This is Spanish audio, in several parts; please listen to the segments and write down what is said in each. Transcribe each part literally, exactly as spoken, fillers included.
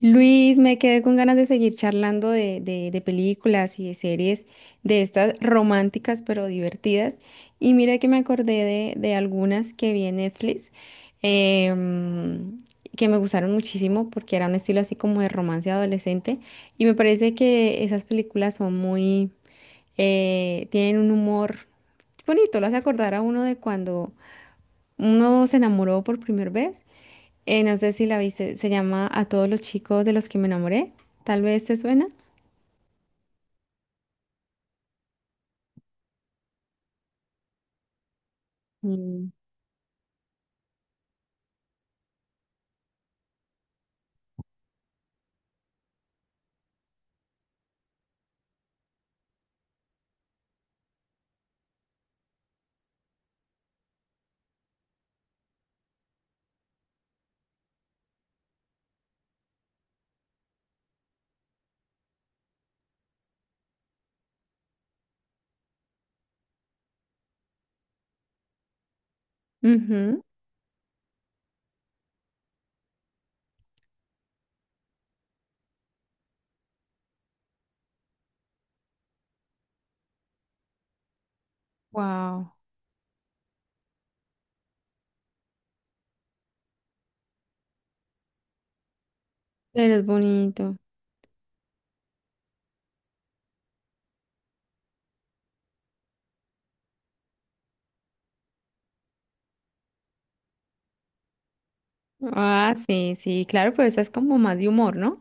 Luis, me quedé con ganas de seguir charlando de, de- de películas y de series de estas románticas pero divertidas. Y mira que me acordé de, de algunas que vi en Netflix, em, que me gustaron muchísimo porque era un estilo así como de romance adolescente. Y me parece que esas películas son muy, eh, tienen un humor bonito, lo hace acordar a uno de cuando uno se enamoró por primera vez. Eh, no sé si la viste, se llama A todos los chicos de los que me enamoré. Tal vez te suena. Mm. Wow. Pero es bonito. Ah, sí, sí, claro, pero esa es como más de humor, ¿no?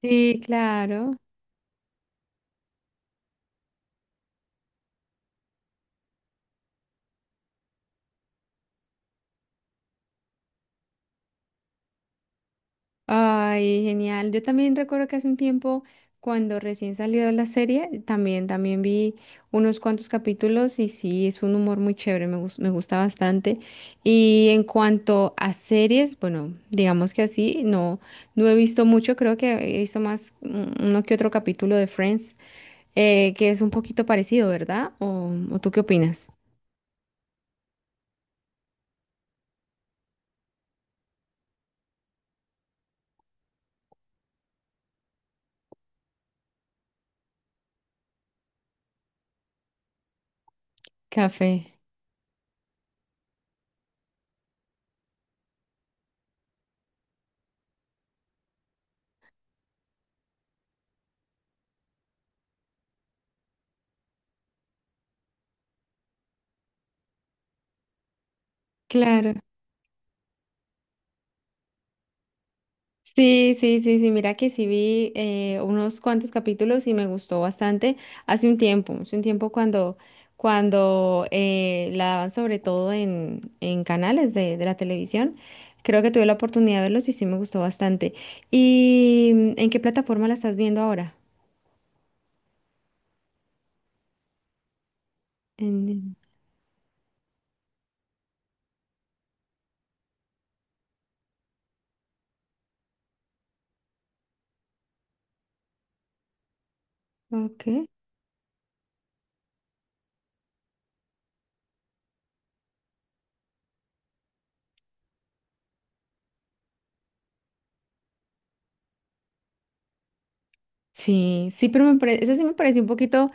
Sí, claro. Ay, genial. Yo también recuerdo que hace un tiempo, cuando recién salió la serie, eh, también, también vi unos cuantos capítulos y sí, es un humor muy chévere, me gus- me gusta bastante. Y en cuanto a series, bueno, digamos que así, no, no he visto mucho, creo que he visto más mm, uno que otro capítulo de Friends, eh, que es un poquito parecido, ¿verdad? ¿O, o tú qué opinas? Café. Claro. Sí, sí, sí, sí, mira que sí vi eh, unos cuantos capítulos y me gustó bastante hace un tiempo, hace un tiempo cuando, cuando eh, la daban sobre todo en, en canales de, de la televisión, creo que tuve la oportunidad de verlos y sí me gustó bastante. ¿Y mm, en qué plataforma la estás viendo ahora? En, ok. Sí, sí, pero me pare- esa sí me pareció un poquito.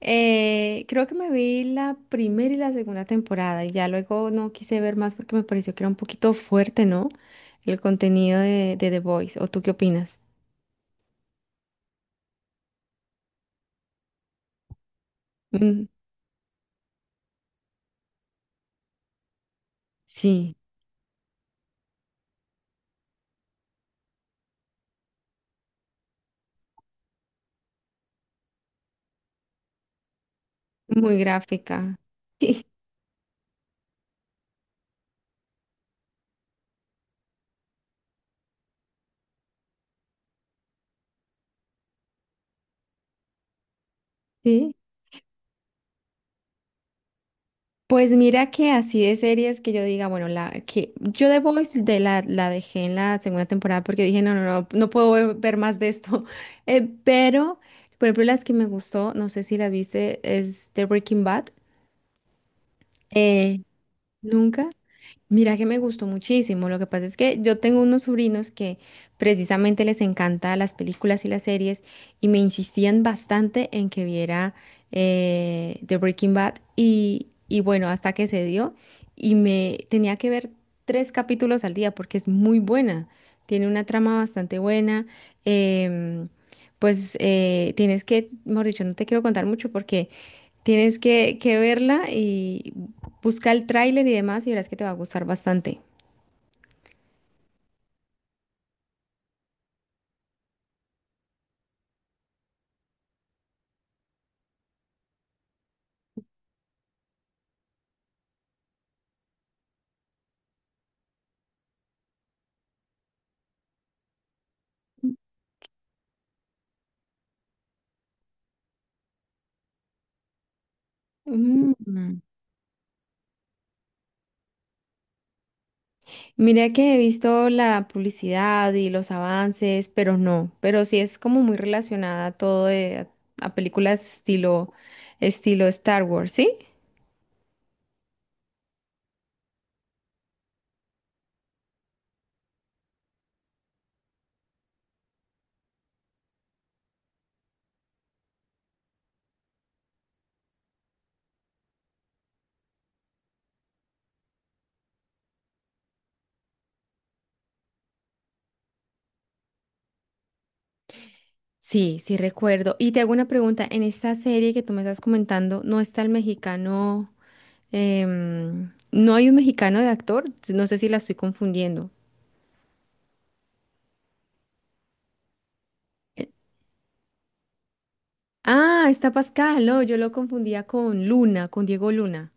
eh, Creo que me vi la primera y la segunda temporada y ya luego no quise ver más porque me pareció que era un poquito fuerte, ¿no? El contenido de, de The Voice. ¿O tú qué opinas? Mm, sí, muy gráfica. Sí, sí. Pues mira que así de series que yo diga, bueno, la que yo The Voice de la, la dejé en la segunda temporada porque dije, no, no, no, no puedo ver, ver más de esto. Eh, pero, por ejemplo, las que me gustó, no sé si las viste, es The Breaking Bad. Eh, ¿Nunca? Mira que me gustó muchísimo. Lo que pasa es que yo tengo unos sobrinos que precisamente les encanta las películas y las series y me insistían bastante en que viera eh, The Breaking Bad y, y bueno, hasta que se dio y me tenía que ver tres capítulos al día porque es muy buena. Tiene una trama bastante buena. em, pues eh, Tienes que, mejor dicho, no te quiero contar mucho porque... Tienes que, que verla y busca el tráiler y demás y verás que te va a gustar bastante. Mm. Mira que he visto la publicidad y los avances, pero no, pero sí es como muy relacionada a todo de, a películas estilo, estilo Star Wars, ¿sí? Sí, sí recuerdo. Y te hago una pregunta, en esta serie que tú me estás comentando, ¿no está el mexicano, em, no hay un mexicano de actor? No sé si la estoy confundiendo. Eh, Ah, está Pascal, no, yo lo confundía con Luna, con Diego Luna.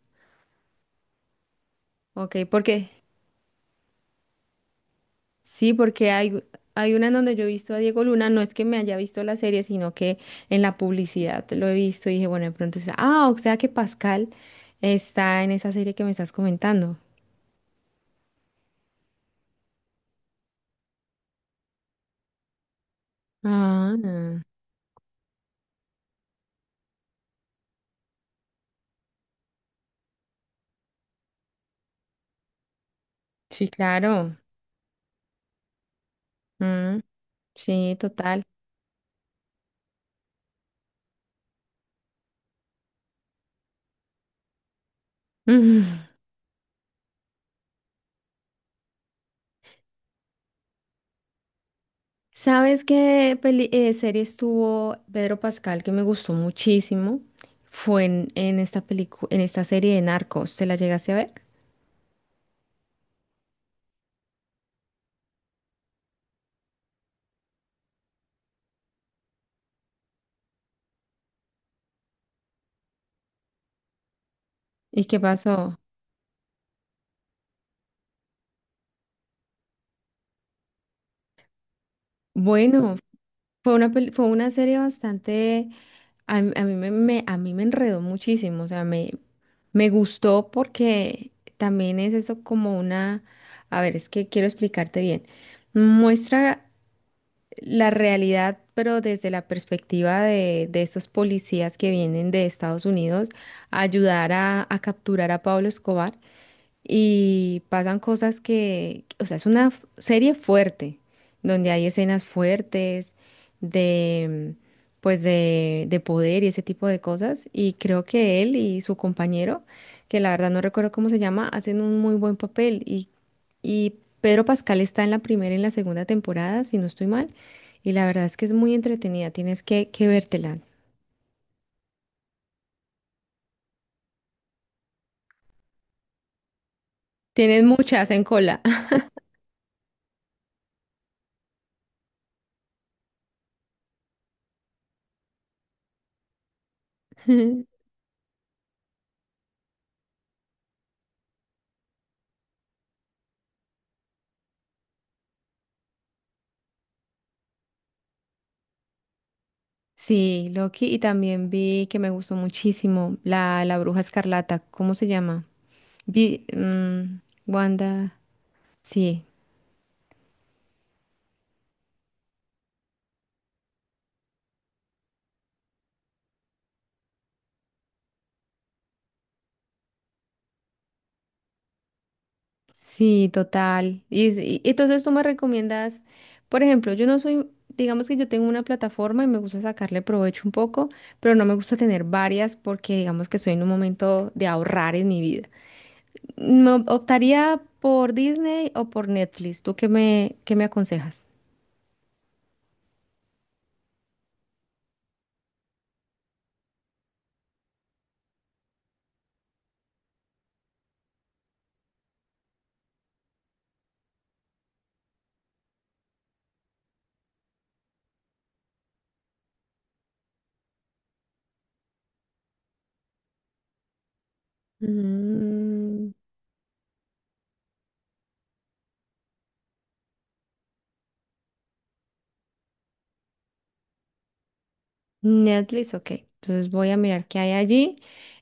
Ok, porque sí, porque hay, hay una en donde yo he visto a Diego Luna, no es que me haya visto la serie, sino que en la publicidad lo he visto y dije, bueno, de pronto está, ah, o sea que Pascal está en esa serie que me estás comentando. Ah, sí, claro. Mm, sí, total. Mm. ¿Sabes qué peli- eh, serie estuvo Pedro Pascal que me gustó muchísimo? Fue en, en esta película, en esta serie de Narcos. ¿Te la llegaste a ver? ¿Y qué pasó? Bueno, fue una, pel- fue una serie bastante, a, m- a mí me, me- a mí me enredó muchísimo, o sea, me, me gustó porque también es eso como una, a ver, es que quiero explicarte bien, muestra la realidad, pero desde la perspectiva de, de estos policías que vienen de Estados Unidos a ayudar a, a capturar a Pablo Escobar y pasan cosas que, o sea, es una f- serie fuerte, donde hay escenas fuertes de, pues de, de poder y ese tipo de cosas. Y creo que él y su compañero, que la verdad no recuerdo cómo se llama, hacen un muy buen papel. Y, y Pedro Pascal está en la primera y en la segunda temporada, si no estoy mal. Y la verdad es que es muy entretenida, tienes que, que vértela. Tienes muchas en cola. Sí, Loki, y también vi que me gustó muchísimo la, la Bruja Escarlata, ¿cómo se llama? Vi, mm, Wanda, sí, sí, total. Y, y- entonces tú me recomiendas, por ejemplo, yo no soy, digamos que yo tengo una plataforma y me gusta sacarle provecho un poco, pero no me gusta tener varias porque digamos que estoy en un momento de ahorrar en mi vida. Me op- optaría por Disney o por Netflix, ¿tú qué me, qué me aconsejas? Mm, Netflix, ok. Entonces voy a mirar qué hay allí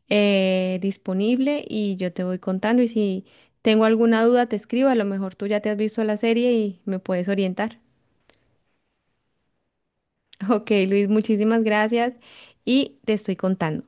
eh, disponible y yo te voy contando. Y si tengo alguna duda, te escribo. A lo mejor tú ya te has visto la serie y me puedes orientar. Ok, Luis, muchísimas gracias y te estoy contando.